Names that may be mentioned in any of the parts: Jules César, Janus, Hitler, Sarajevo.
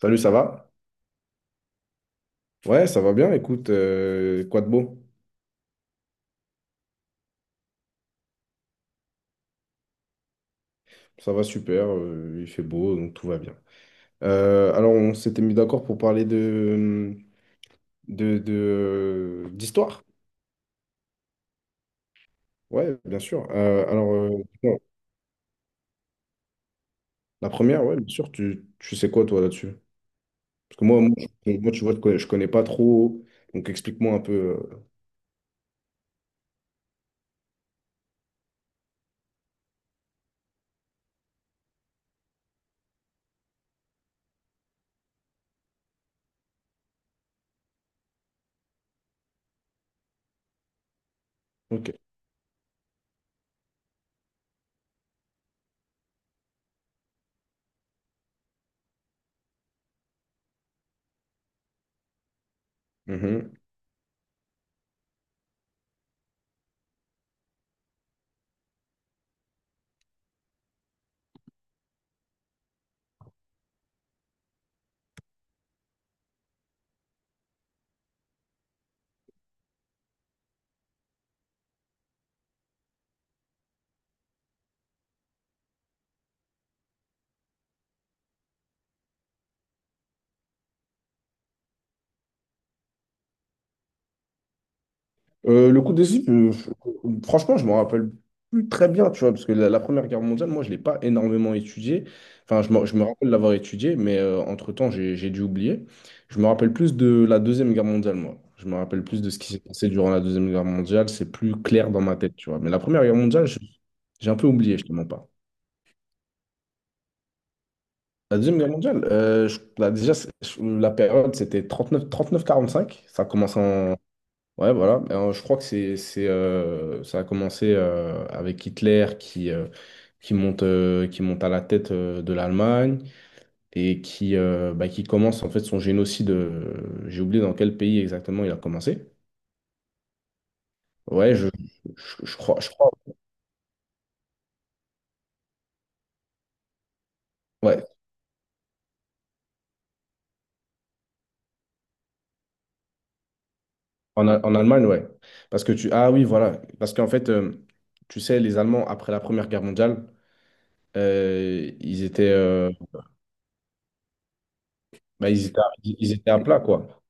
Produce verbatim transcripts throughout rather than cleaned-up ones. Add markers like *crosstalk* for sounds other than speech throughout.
Salut, ça va? Ouais, ça va bien. Écoute, euh, quoi de beau? Ça va super, euh, il fait beau, donc tout va bien. Euh, alors, on s'était mis d'accord pour parler de, de, de- d'histoire. Ouais, bien sûr. Euh, alors, euh, bon, la première, ouais, bien sûr, tu, tu sais quoi, toi, là-dessus? Parce que moi, moi, je- moi, tu vois, je connais, je connais pas trop, donc explique-moi un peu. euh. Ok. Euh, le coup d'essai, euh, franchement, je me rappelle plus très bien, tu vois, parce que la, la Première Guerre mondiale, moi, je ne l'ai pas énormément étudiée. Enfin, je me, je me rappelle l'avoir étudiée, mais euh, entre-temps, j'ai, j'ai dû oublier. Je me rappelle plus de la Deuxième Guerre mondiale, moi. Je me rappelle plus de ce qui s'est passé durant la Deuxième Guerre mondiale. C'est plus clair dans ma tête, tu vois. Mais la Première Guerre mondiale, je- j'ai un peu oublié, je te mens pas. La Deuxième Guerre mondiale, euh, je- bah, déjà, c'est- la période, c'était trente-neuf, trente-neuf quarante-cinq. Ça a commencé en. Ouais, voilà. Euh, je crois que c'est, c'est, euh, ça a commencé euh, avec Hitler qui, euh, qui monte, euh, qui monte à la tête euh, de l'Allemagne et qui, euh, bah, qui commence en fait son génocide. Euh, j'ai oublié dans quel pays exactement il a commencé. Ouais, je, je, je crois, je crois. Ouais, en, A- en Allemagne, ouais. Parce que tu, ah oui, voilà. Parce qu'en fait, euh, tu sais, les Allemands après la Première Guerre mondiale, euh, ils étaient, euh, bah, ils étaient, à- ils étaient à plat, quoi.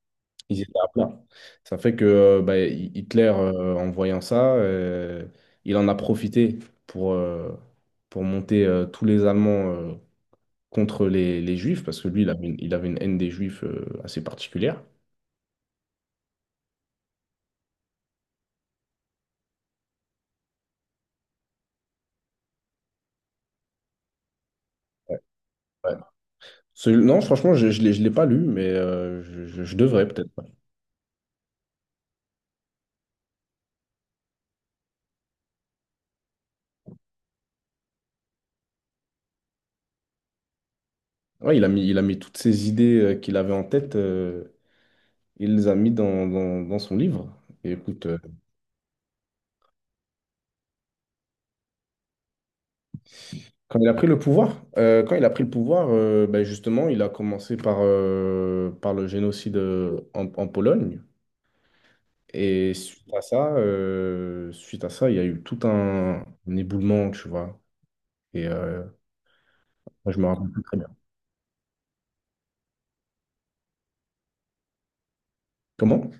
Ils étaient à plat. Ça fait que euh, bah, Hi- Hitler, euh, en voyant ça, euh, il en a profité pour, euh, pour monter euh, tous les Allemands euh, contre les, les Juifs, parce que lui, il avait une, il avait une haine des Juifs euh, assez particulière. Ouais. Ce- non, franchement, je ne l'ai je l'ai pas lu, mais euh, je, je- je devrais peut-être. Ouais. Ouais, il a mis, il a mis toutes ces idées euh, qu'il avait en tête, euh, il les a mis dans, dans- dans son livre. Et écoute, euh, Quand il a pris le pouvoir, euh, quand il a pris le pouvoir, euh, ben justement, il a commencé par, euh, par le génocide euh, en, en Pologne. Et suite à ça, euh, suite à ça, il y a eu tout un, un éboulement, tu vois. Et euh, moi, je me rappelle plus très bien. Comment?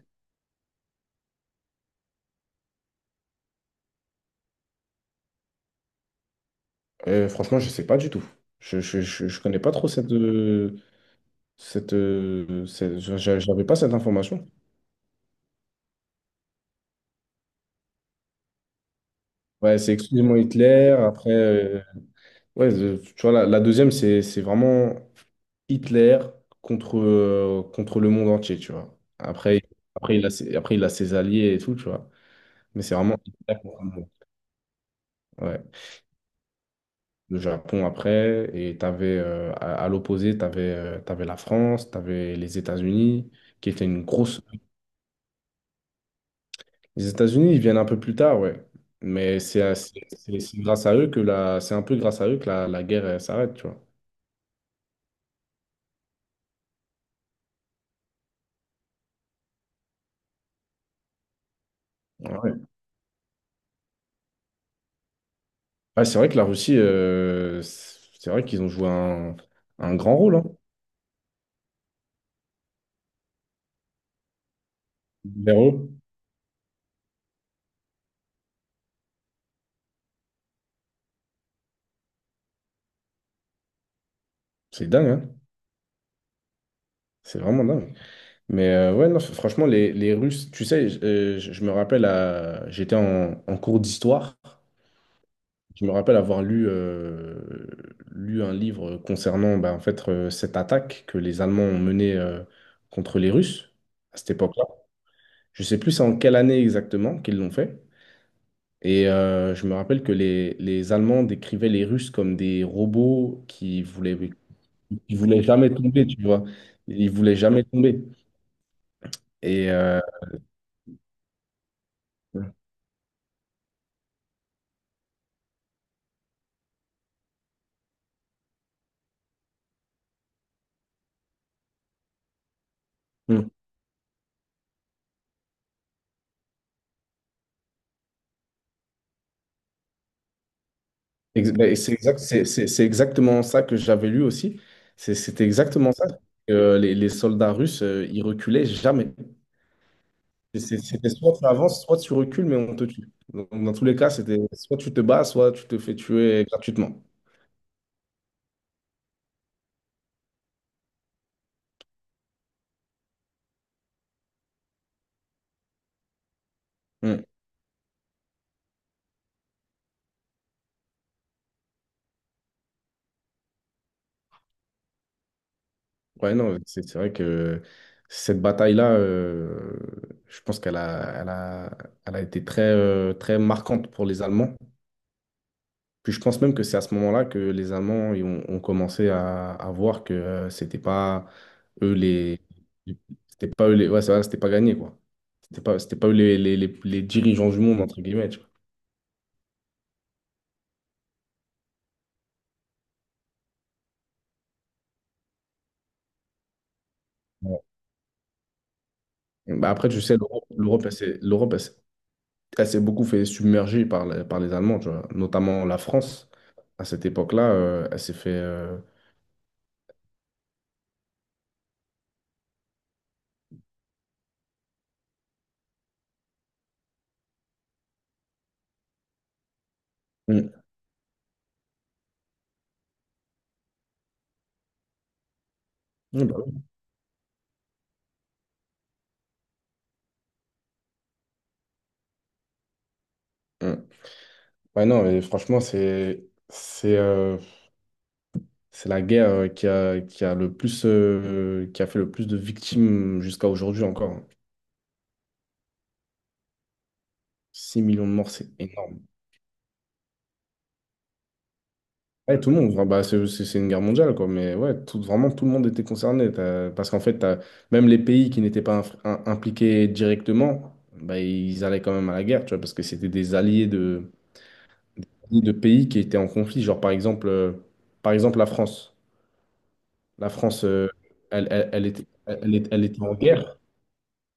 Euh, franchement, je sais pas du tout. Je, je, je, je connais pas trop cette, euh, cette, euh, cette- j'a- j'avais pas cette information. Ouais, c'est exclusivement Hitler. Après, euh, ouais, euh, tu vois, la, la deuxième, c'est, c'est vraiment Hitler contre, euh, contre le monde entier, tu vois. Après, après, il a ses, après, il a ses alliés et tout, tu vois. Mais c'est vraiment Hitler contre le monde. Ouais. Le Japon après, et t'avais, euh, à, à l'opposé, t'avais, euh, t'avais la France, t'avais les États-Unis, qui étaient une grosse. Les États-Unis, ils viennent un peu plus tard, ouais. Mais c'est assez- c'est c'est grâce à eux que la. C'est un peu grâce à eux que la, la guerre elle s'arrête, tu vois. Ouais. Ouais, ah, c'est vrai que la Russie, euh, c'est c'est vrai qu'ils ont joué un, un grand rôle, hein, vers eux. C'est dingue, hein? C'est vraiment dingue. Mais euh, ouais, non, f- franchement, les, les Russes, tu sais, j- euh, j- je me rappelle, à- j'étais en, en cours d'histoire, je me rappelle avoir lu, euh, lu un livre concernant bah, en fait, euh, cette attaque que les Allemands ont menée euh, contre les Russes à cette époque-là. Je sais plus c'est en quelle année exactement qu'ils l'ont fait. Et euh, je me rappelle que les, les Allemands décrivaient les Russes comme des robots qui voulaient, qui voulaient jamais tomber, tu vois. Ils voulaient jamais tomber. Et, euh, Mm. Mm. Ex- ben, c'est exact, c'est c'est- c'est exactement ça que j'avais lu aussi. C'est- C'était exactement ça. Euh, les, les soldats russes, euh, ils reculaient jamais. C'est- C'était soit tu avances, soit tu recules, mais on te tue. Donc, dans tous les cas, c'était soit tu te bats, soit tu te fais tuer gratuitement. Mm. Ouais, non, c'est c'est vrai que cette bataille-là, euh, je pense qu'elle a, elle a, elle a été très, euh, très marquante pour les Allemands. Puis je pense même que c'est à ce moment-là que les Allemands ils ont, ont commencé à, à voir que euh, c'était pas eux les les- c'était pas eux les, ouais, c'est vrai, c'était pas gagné quoi. C'était pas c'était pas eux les, les, les, les dirigeants du monde entre guillemets, tu vois. Ouais. Bah après tu sais l'Europe l'Europe elle s'est l'Europe elle s'est elle s'est beaucoup fait submerger par les, par les Allemands, tu vois, notamment la France à cette époque-là, euh, elle s'est fait euh, Mm. Mm, bah oui. Mm. Ouais, non, et franchement, c'est c'est euh, c'est la guerre euh, qui a, qui a le plus, euh, qui a fait le plus de victimes jusqu'à aujourd'hui encore. Six millions de morts, c'est énorme. Ouais, tout le monde, enfin, bah, c'est c'est- c'est une guerre mondiale, quoi. Mais ouais, tout, vraiment, tout le monde était concerné. T'as- Parce qu'en fait, t'as- même les pays qui n'étaient pas inf- im- impliqués directement, bah, ils allaient quand même à la guerre, tu vois, parce que c'était des alliés de, de pays qui étaient en conflit. Genre, par exemple, euh, par exemple, la France. La France, euh, elle, elle, elle était, elle, elle était elle était en guerre.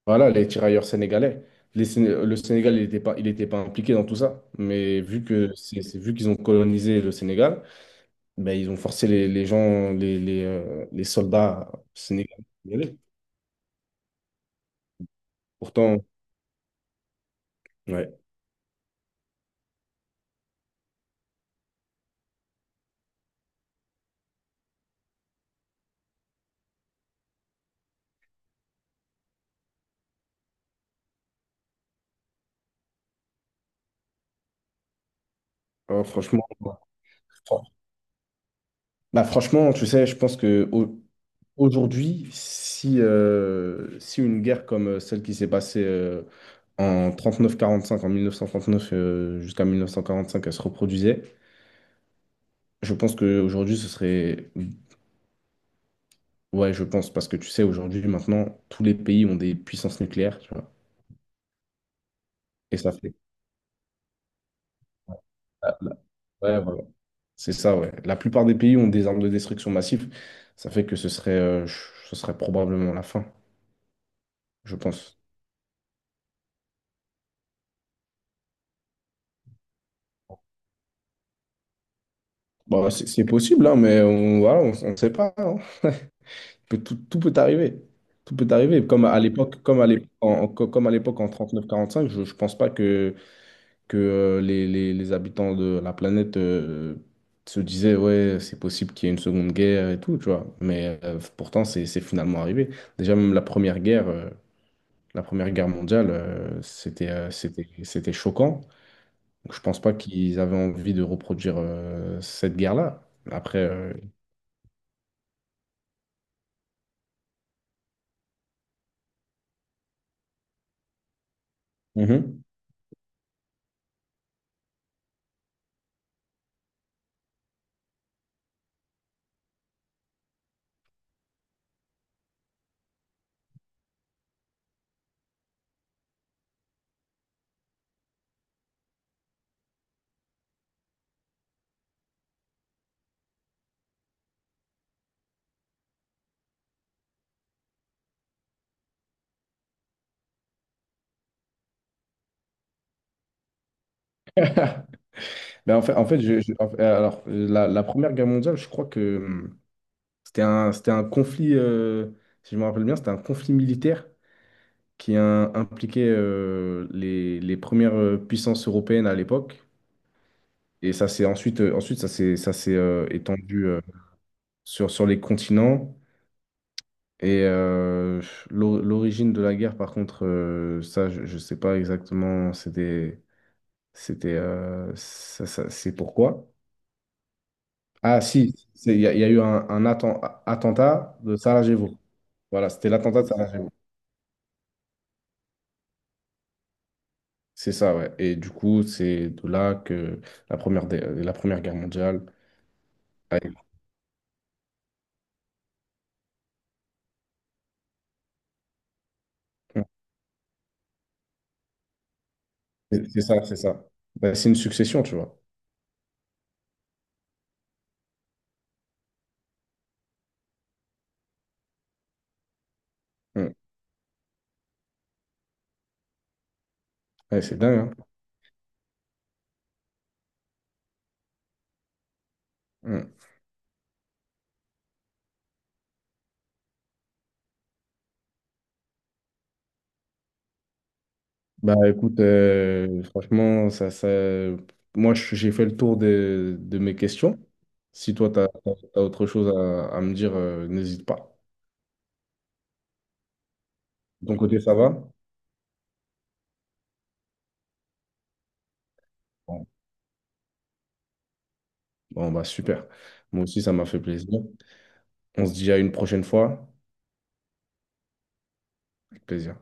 Voilà, les tirailleurs sénégalais. Les Séné- le Sénégal, il n'était pas, il était pas impliqué dans tout ça. Mais vu que c'est, c'est- vu qu'ils ont colonisé le Sénégal, ben, ils ont forcé les, les gens, les, les, euh, les soldats sénégalais à y aller. Pourtant, ouais. Alors, franchement, bah, franchement, tu sais, je pense que au- aujourd'hui, si, euh, si une guerre comme euh, celle qui s'est passée euh, en trente-neuf quarante-cinq, en mille neuf cent trente-neuf euh, jusqu'à mille neuf cent quarante-cinq, elle se reproduisait, je pense qu'aujourd'hui, ce serait. Ouais, je pense, parce que tu sais, aujourd'hui, maintenant, tous les pays ont des puissances nucléaires, tu vois. Et ça fait. Ah, là. Ouais, voilà. C'est ça, ouais. La plupart des pays ont des armes de destruction massive. Ça fait que ce serait, euh, ch- ce serait probablement la fin, je pense. Bon, c'est c'est possible, hein, mais on, voilà, on, on sait pas. hein. Peut- Tout, tout peut arriver. Tout peut arriver. Comme à l'époque, comme à l'époque, en, en- comme à l'époque en trente-neuf quarante-cinq, je, je pense pas que que euh, les, les- les habitants de la planète euh, se disaient, ouais, c'est possible qu'il y ait une seconde guerre et tout, tu vois. Mais euh, pourtant, c'est c'est finalement arrivé. Déjà, même la première guerre, euh, la première guerre mondiale, euh, c'était euh, c'était, c'était choquant. Donc, je pense pas qu'ils avaient envie de reproduire euh, cette guerre-là. Après, euh, Mhm. *laughs* Ben, en fait, en fait, je- je- en fait, alors, la, la Première Guerre mondiale, je crois que hum, c'était un, c'était un conflit, euh, si je me rappelle bien, c'était un conflit militaire qui a impliqué euh, les, les premières euh, puissances européennes à l'époque. Et ça s'est ensuite, euh, ensuite ça s'est, ça s'est euh, étendu euh, sur, sur les continents. Et euh, l'o- l'origine de la guerre, par contre, euh, ça, je ne sais pas exactement. C'était, c'était, euh, ça, ça- c'est pourquoi. Ah, si, c'est- il y, a il y a eu un, un atten- attentat de Sarajevo. Voilà, c'était l'attentat de Sarajevo. C'est ça, ouais. Et du coup, c'est de là que la première, dé- la première guerre mondiale. Mm. C'est c'est ça, c'est ça. Bah, c'est une succession, tu vois. Mm. Ouais, c'est dingue, hein. Mm. Bah écoute, euh, franchement, ça, ça... moi je- j'ai fait le tour de, de mes questions. Si toi, tu as autre chose à, à me dire, euh, n'hésite pas. De ton côté, ça va? Bon, Bon, bah super. Moi aussi, ça m'a fait plaisir. On se dit à une prochaine fois. Avec plaisir.